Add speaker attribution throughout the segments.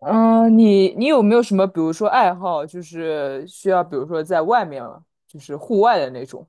Speaker 1: 你有没有什么，比如说爱好，就是需要，比如说在外面，就是户外的那种？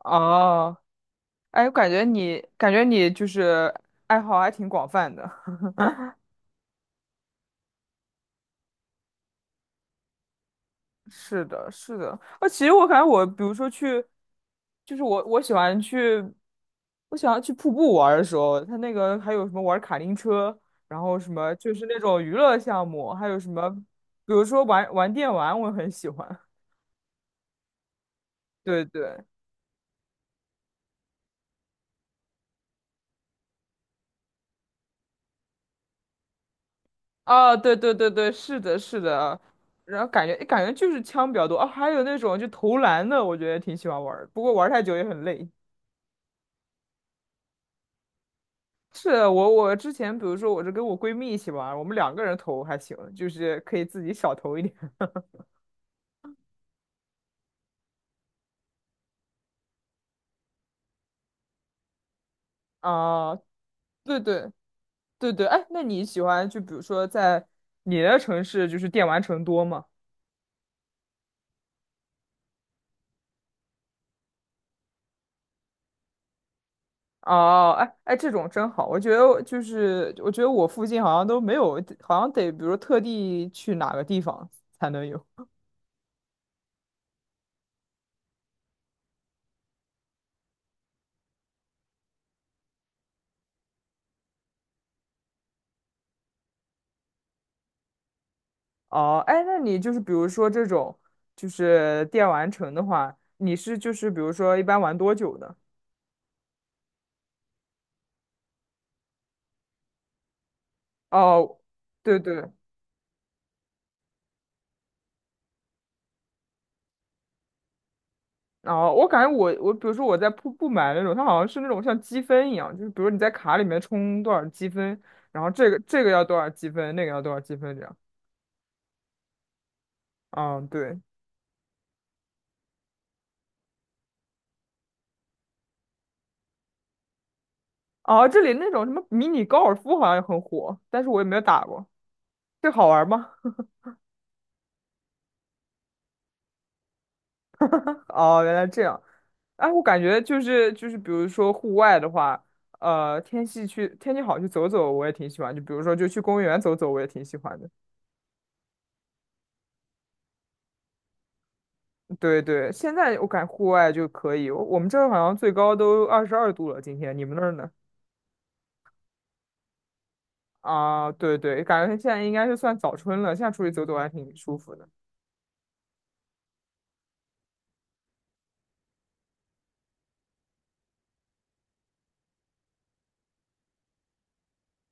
Speaker 1: 哦，哎，我感觉你就是爱好还挺广泛的。是的，是的。啊，其实我感觉我，比如说去，就是我喜欢去，我喜欢去瀑布玩儿的时候，它那个还有什么玩卡丁车，然后什么就是那种娱乐项目，还有什么，比如说玩玩电玩，我很喜欢。对对。啊，对对对对，是的，是的啊，然后感觉就是枪比较多啊，还有那种就投篮的，我觉得挺喜欢玩儿，不过玩儿太久也很累。是的。我之前比如说我是跟我闺蜜一起玩儿，我们两个人投还行，就是可以自己少投一点。 啊。对对对对，哎，那你喜欢就比如说在你的城市就是电玩城多吗？哦，哎哎，这种真好，我觉得我附近好像都没有，好像得比如特地去哪个地方才能有。哦，哎，那你就是比如说这种，就是电玩城的话，你是就是比如说一般玩多久的？哦，对对，哦，我感觉我比如说我在瀑布买那种，它好像是那种像积分一样，就是比如你在卡里面充多少积分，然后这个要多少积分，那个要多少积分这样。嗯，对。哦，这里那种什么迷你高尔夫好像也很火，但是我也没有打过，这好玩吗？哦，原来这样。哎，我感觉就是，比如说户外的话，天气好去走走，我也挺喜欢。就比如说，就去公园走走，我也挺喜欢的。对对，现在我感觉户外就可以。我们这儿好像最高都22度了，今天你们那儿呢？啊，对对，感觉现在应该是算早春了，现在出去走走还挺舒服的。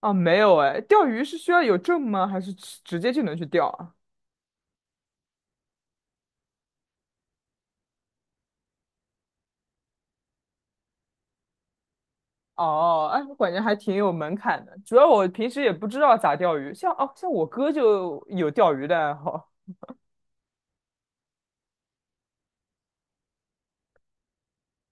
Speaker 1: 啊，没有哎，钓鱼是需要有证吗？还是直接就能去钓啊？哦，哎，我感觉还挺有门槛的。主要我平时也不知道咋钓鱼，像我哥就有钓鱼的爱好，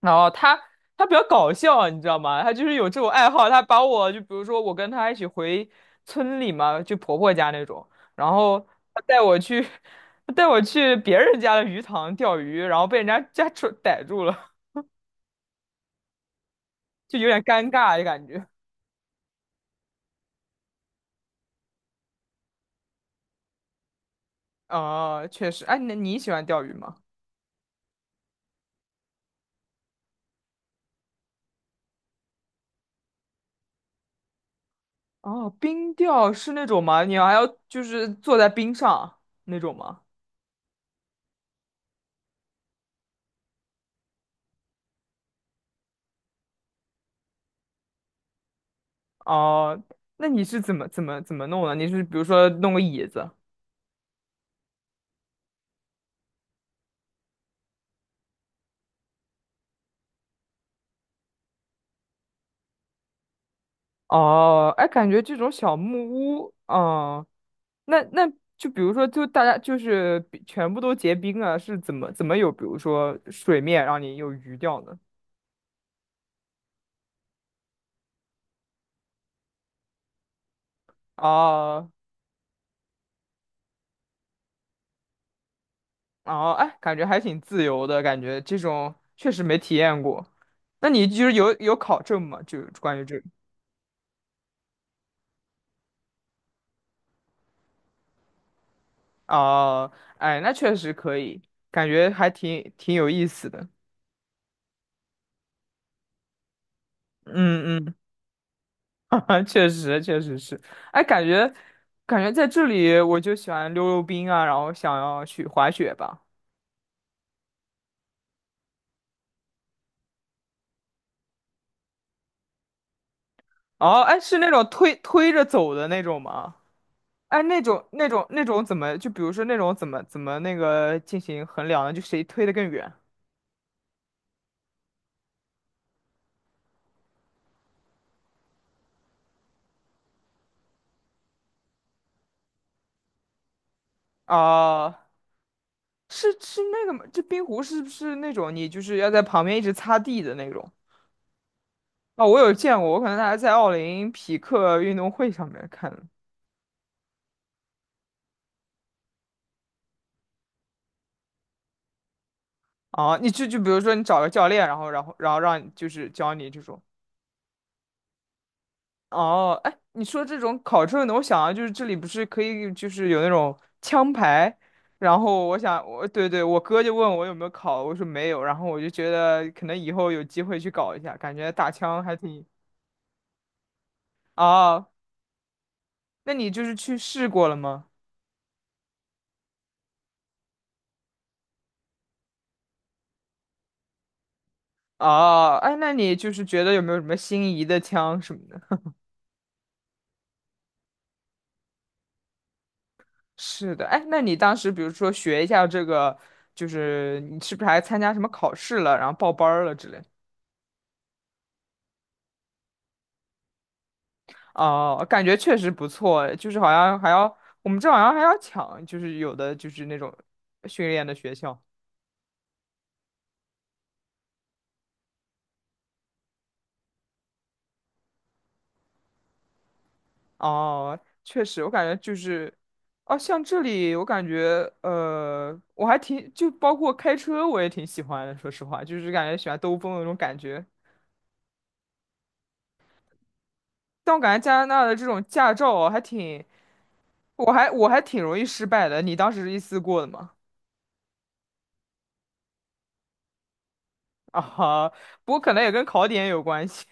Speaker 1: 然后他比较搞笑，你知道吗？他就是有这种爱好，他把我就比如说我跟他一起回村里嘛，就婆婆家那种，然后他带我去 他带我去别人家的鱼塘钓鱼，然后被人家家主逮住了，就有点尴尬的感觉。哦，确实，哎，那你喜欢钓鱼吗？哦，冰钓是那种吗？你还要就是坐在冰上那种吗？哦，那你是怎么弄的？你是比如说弄个椅子？哦，哎，感觉这种小木屋，哦，那就比如说，就大家就是比全部都结冰了，是怎么有，比如说水面让你有鱼钓呢？哦哦，哎，感觉还挺自由的，感觉这种确实没体验过。那你就是有考证吗？就关于这。哦，哎，那确实可以，感觉还挺有意思的。嗯嗯，确实确实是。哎，感觉在这里我就喜欢溜溜冰啊，然后想要去滑雪吧。哦，哎，是那种推推着走的那种吗？哎，那种怎么就比如说那种怎么那个进行衡量呢？就谁推的更远？啊，是那个吗？这冰壶是不是那种你就是要在旁边一直擦地的那种？哦，我有见过，我可能还在奥林匹克运动会上面看的。哦，你就比如说你找个教练，然后让你就是教你这种。哦，哎，你说这种考证的，我想啊，就是这里不是可以就是有那种枪牌，然后我想我对对，我哥就问我有没有考，我说没有，然后我就觉得可能以后有机会去搞一下，感觉打枪还挺。哦，那你就是去试过了吗？哦，哎，那你就是觉得有没有什么心仪的枪什么的？是的，哎，那你当时比如说学一下这个，就是你是不是还参加什么考试了，然后报班儿了之类？哦，感觉确实不错，就是好像还要我们这好像还要抢，就是有的就是那种训练的学校。哦，确实，我感觉就是，哦，像这里我感觉，我还挺就包括开车我也挺喜欢的，说实话，就是感觉喜欢兜风的那种感觉。但我感觉加拿大的这种驾照啊还挺。我还挺容易失败的，你当时是一次过的吗？啊哈，不过可能也跟考点有关系。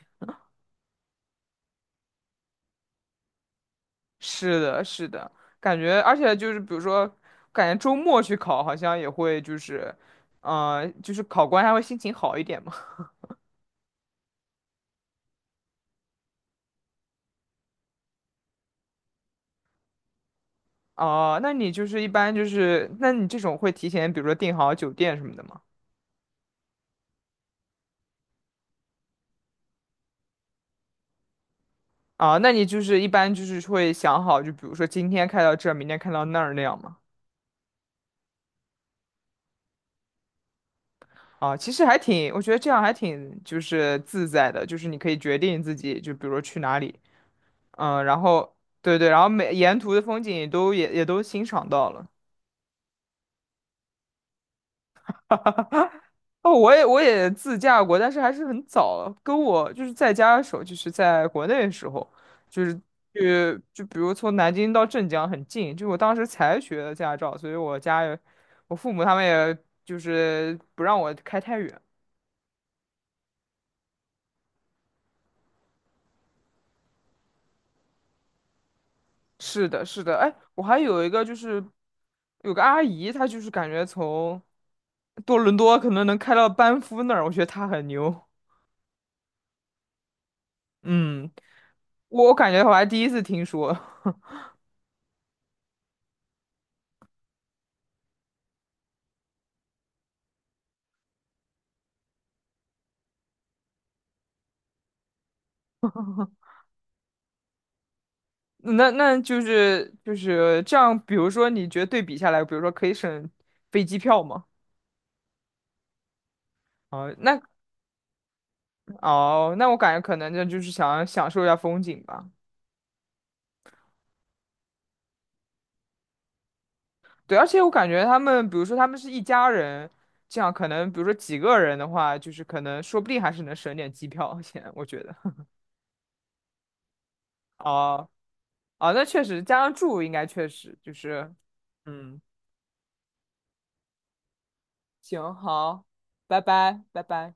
Speaker 1: 是的，是的，感觉而且就是比如说，感觉周末去考好像也会就是，就是考官还会心情好一点嘛。哦、那你就是一般就是，那你这种会提前比如说订好酒店什么的吗？啊、那你就是一般就是会想好，就比如说今天开到这儿，明天开到那儿那样吗？啊，其实还挺，我觉得这样还挺就是自在的，就是你可以决定自己，就比如说去哪里，嗯，然后对对，然后每沿途的风景都也都欣赏到了。哦，我也自驾过，但是还是很早了跟我就是在家的时候，就是在国内的时候，就是去就比如从南京到镇江很近，就我当时才学的驾照，所以我家也我父母他们也就是不让我开太远。是的，是的，哎，我还有一个就是有个阿姨，她就是感觉从多伦多可能能开到班夫那儿，我觉得她很牛。嗯，我感觉我还第一次听说。那就是这样，比如说你觉得对比下来，比如说可以省飞机票吗？哦，那哦,那我感觉可能这就是想享受一下风景吧。对，而且我感觉他们，比如说他们是一家人，这样可能，比如说几个人的话，就是可能说不定还是能省点机票 钱，我觉得。哦，哦，那确实，加上住应该确实就是，嗯，行，好，拜拜，拜拜。